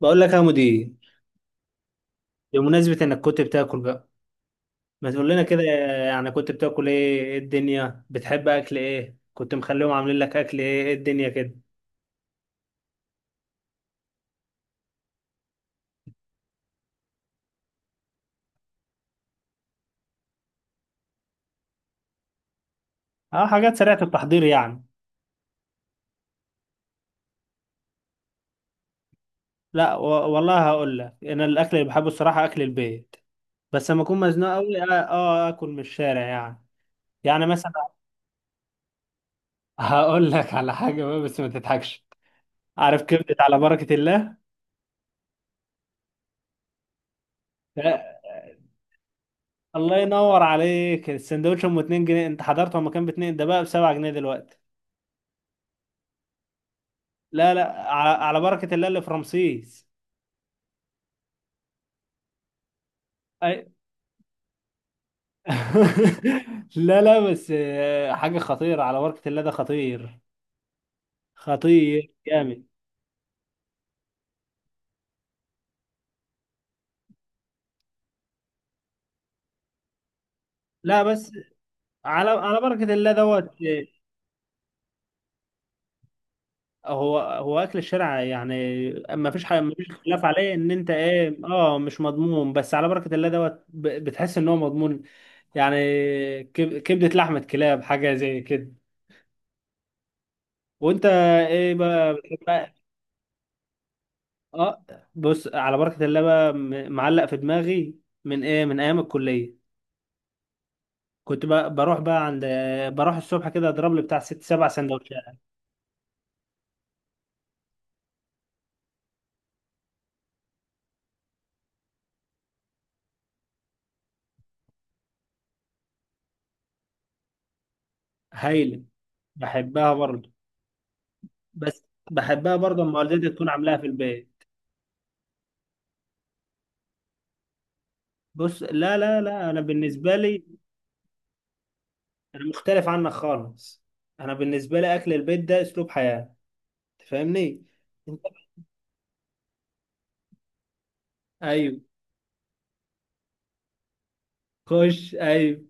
بقول لك يا مدير، بمناسبة انك كنت بتاكل بقى ما تقول لنا كده. يعني كنت بتاكل ايه؟ إيه الدنيا؟ بتحب اكل ايه؟ كنت مخليهم عاملين لك اكل ايه؟ إيه الدنيا كده؟ اه، حاجات سريعة التحضير يعني. لا و... والله هقول لك، انا الاكل اللي بحبه الصراحة اكل البيت. بس لما اكون مزنوق قوي اكل من الشارع يعني. يعني مثلا هقول لك على حاجة بقى بس ما تضحكش. عارف كبدة على بركة الله؟ لا، الله ينور عليك، السندوتش ام 2 جنيه انت حضرته لما كان ب 2، ده بقى ب 7 جنيه دلوقتي. لا على بركة الله اللي في رمسيس. أي... لا بس حاجة خطيرة، على بركة الله ده خطير. خطير جامد. لا بس على بركة الله دوت هو أكل الشارع يعني. ما فيش حاجة، ما فيش خلاف عليه إن أنت إيه، أه، مش مضمون، بس على بركة الله دوت بتحس إن هو مضمون. يعني كبدة، لحمة كلاب، حاجة زي كده. وأنت إيه بقى بتحب؟ اه، بص، على بركة الله بقى معلق في دماغي من ايه، من ايام الكلية. كنت بقى بروح بقى عند بروح الصبح كده اضرب لي بتاع 6 7 سندوتشات. هايلة. بحبها برضه. بس بحبها برضه اما والدتي تكون عاملاها في البيت. بص، لا، انا بالنسبة لي انا مختلف عنك خالص. انا بالنسبة لي اكل البيت ده اسلوب حياة، تفهمني؟ انت، ايوه، خش، ايوه.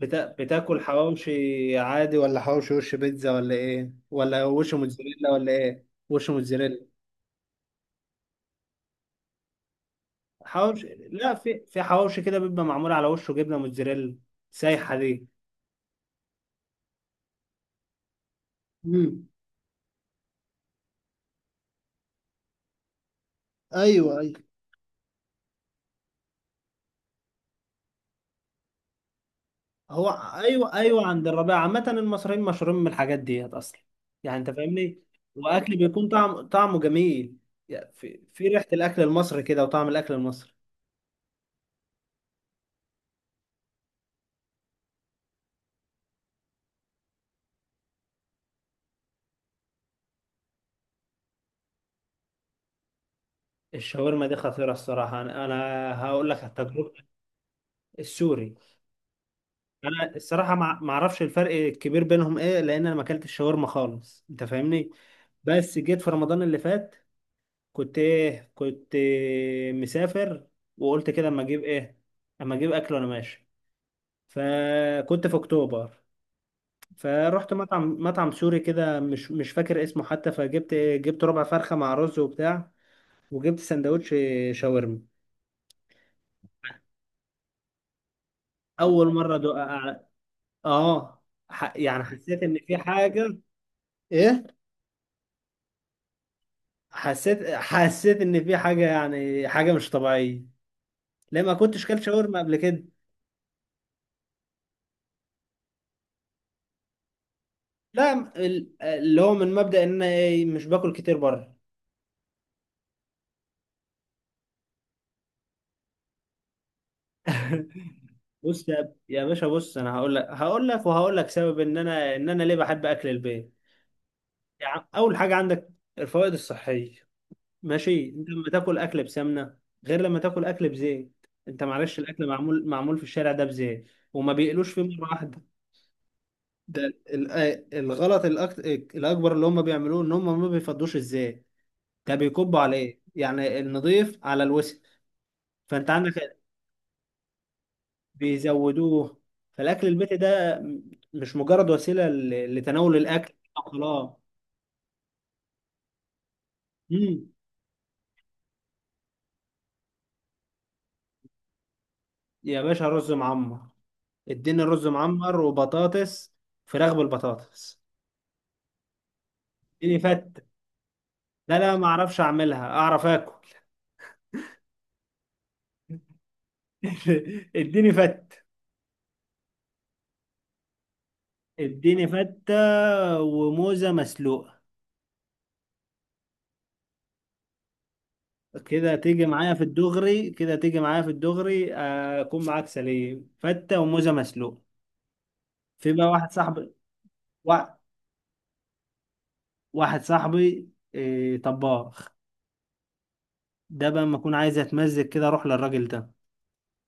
بتاكل حواوشي عادي ولا حواوشي وش بيتزا ولا ايه؟ ولا وش موتزاريلا؟ ولا ايه، وش موتزاريلا؟ حواوشي، لا، في حواوشي كده بيبقى معمول على وشه جبنه موتزاريلا سايحه دي. امم، ايوه ايوه. هو ايوه ايوه، عند الربيع، عامه المصريين مشهورين من الحاجات ديت اصلا. يعني انت فاهمني. واكل بيكون طعمه جميل، يعني في ريحه الاكل المصري كده وطعم الاكل المصري. الشاورما دي خطيره الصراحه، انا هقول لك على التجربه. السوري. انا الصراحه ما اعرفش الفرق الكبير بينهم ايه، لان انا ما اكلتش شاورما خالص، انت فاهمني. بس جيت في رمضان اللي فات، كنت ايه، كنت إيه، مسافر، وقلت كده اما اجيب ايه، اما اجيب اكل وانا ماشي. فكنت في اكتوبر، فرحت مطعم سوري كده، مش مش فاكر اسمه حتى، فجبت إيه، جبت ربع فرخه مع رز وبتاع، وجبت سندوتش شاورما. اول مره ادوق. اه، يعني حسيت ان في حاجه. ايه. حسيت، حسيت ان في حاجه يعني، حاجه مش طبيعيه، ليه ما كنتش كلت شاورما قبل كده. لا، اللي هو من مبدأ ان انا ايه، مش باكل كتير بره. بص يا يا باشا، بص، انا هقول لك هقول لك وهقول لك سبب ان انا ان انا ليه بحب اكل البيت. يعني اول حاجه عندك الفوائد الصحيه، ماشي؟ انت لما تاكل اكل بسمنه غير لما تاكل اكل بزيت. انت معلش، الاكل معمول معمول في الشارع ده بزيت، وما بيقلوش فيه مره واحده. ده الغلط الأكبر اللي هم بيعملوه إن هم ما بيفضوش، إزاي؟ ده بيكبوا على إيه يعني، النظيف على الوسخ. فأنت عندك بيزودوه. فالأكل البيتي ده مش مجرد وسيلة لتناول الأكل خلاص. مم. يا باشا، رز معمر. اديني رز معمر وبطاطس، فراخ بالبطاطس. اديني فت. لا لا، ما اعرفش اعملها، اعرف اكل. اديني فت، اديني فتة وموزة مسلوقة. كده تيجي معايا في الدغري، كده تيجي معايا في الدغري، اكون معاك سليم، فتة وموزة مسلوق. في بقى واحد صاحبي، وا- واحد صاحبي، طباخ، ده بقى لما اكون عايز اتمزج كده اروح للراجل ده.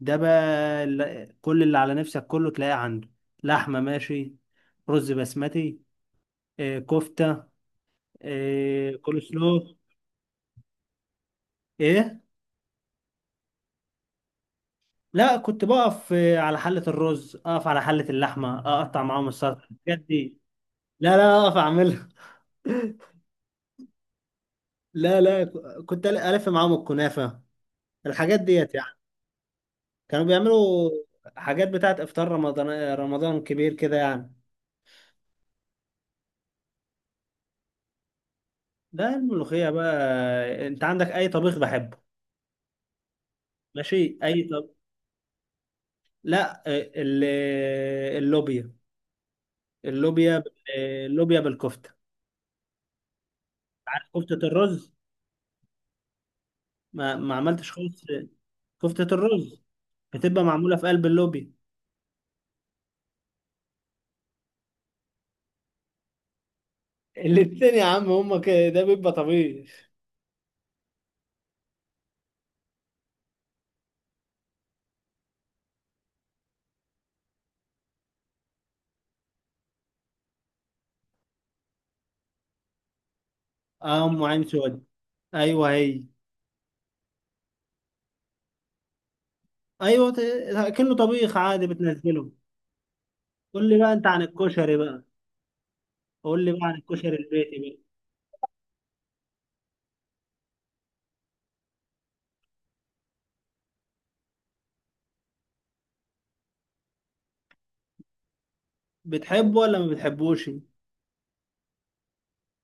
ده بقى كل اللي على نفسك كله تلاقيه عنده. لحمة ماشي، رز بسمتي، كفتة، كول سلو. ايه؟ لا، كنت بقف على حلة الرز، اقف على حلة اللحمة، اقطع معاهم السلطة، الحاجات دي. لا اقف اعملها. لا كنت ألف معاهم الكنافة، الحاجات ديت يعني، كانوا بيعملوا حاجات بتاعت إفطار رمضان. رمضان كبير كده يعني. لا، الملوخية بقى، أنت عندك أي طبيخ بحبه، ماشي، أي طب. لا، اللوبيا، اللوبيا بال- اللوبيا بالكفتة. عارف كفتة الرز؟ ما عملتش خالص. كفتة الرز بتبقى معمولة في قلب اللوبيا. الاتنين يا عم، هما كده، ده بيبقى طبيخ. اه، ام عين سود. ايوه هي. كله طبيخ عادي بتنزله. قول لي بقى انت عن الكشري بقى. قول لي بقى عن الكشري البيتي. بقى بتحبه ولا ما بتحبوش؟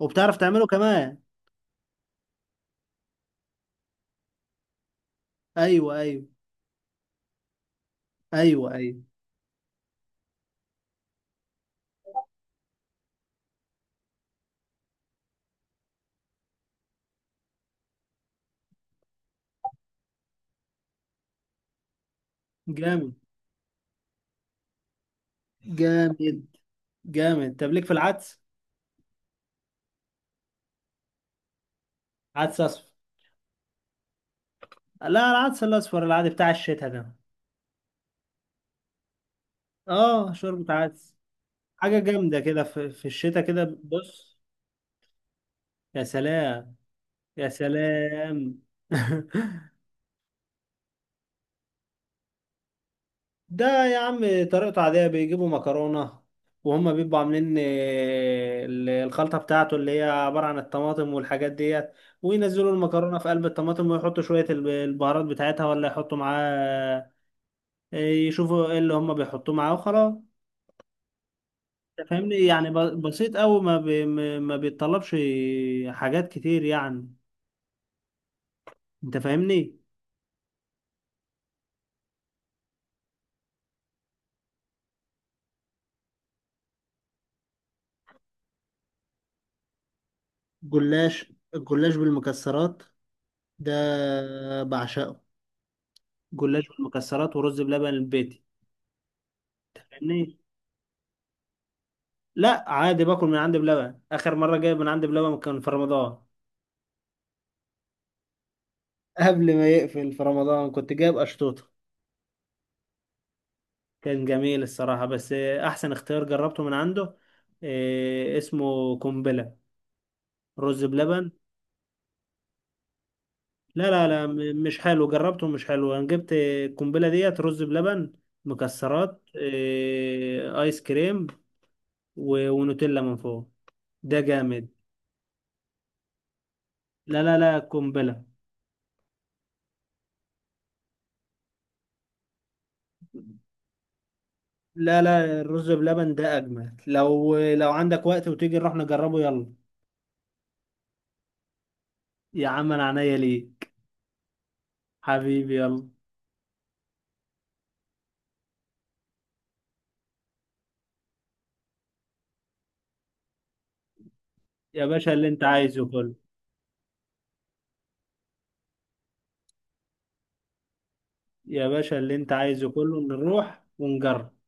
وبتعرف تعمله كمان؟ ايوه. ايوه. جامد. جامد. جامد. طب ليك في العدس؟ عدس اصفر. لا، العدس الاصفر العادي بتاع الشتاء ده. اه، شوربة عدس. حاجة جامدة كده في الشتاء كده. بص، يا سلام، يا سلام. ده يا عم طريقته عادية، بيجيبوا مكرونة، وهم بيبقوا عاملين الخلطة بتاعته اللي هي عبارة عن الطماطم والحاجات ديت، وينزلوا المكرونة في قلب الطماطم، ويحطوا شوية البهارات بتاعتها، ولا يحطوا معاه يشوفوا ايه اللي هم بيحطوه معاه وخلاص. أنت فاهمني يعني، بسيط أوي، ما, بي ما ما بيتطلبش حاجات كتير يعني، انت فاهمني. جلاش، الجلاش بالمكسرات ده بعشقه. جلاش بالمكسرات، ورز بلبن البيت. فاهمني؟ لا، عادي، باكل من عندي بلبن. اخر مره جايب من عندي بلبن كان في رمضان، قبل ما يقفل. في رمضان كنت جايب اشطوطه. كان جميل الصراحه، بس احسن اختيار جربته من عنده، إيه اسمه، قنبله، رز بلبن. لا مش حلو جربته، مش حلو. انا جبت القنبله ديت: رز بلبن، مكسرات، إيه، ايس كريم، ونوتيلا من فوق. ده جامد. لا قنبله. لا الرز بلبن ده اجمل، لو عندك وقت وتيجي نروح نجربه يلا. يا عم انا عينيا ليك. حبيبي يلا. يا باشا اللي انت عايزه كله، يا باشا اللي انت عايزه كله، نروح ونجرب.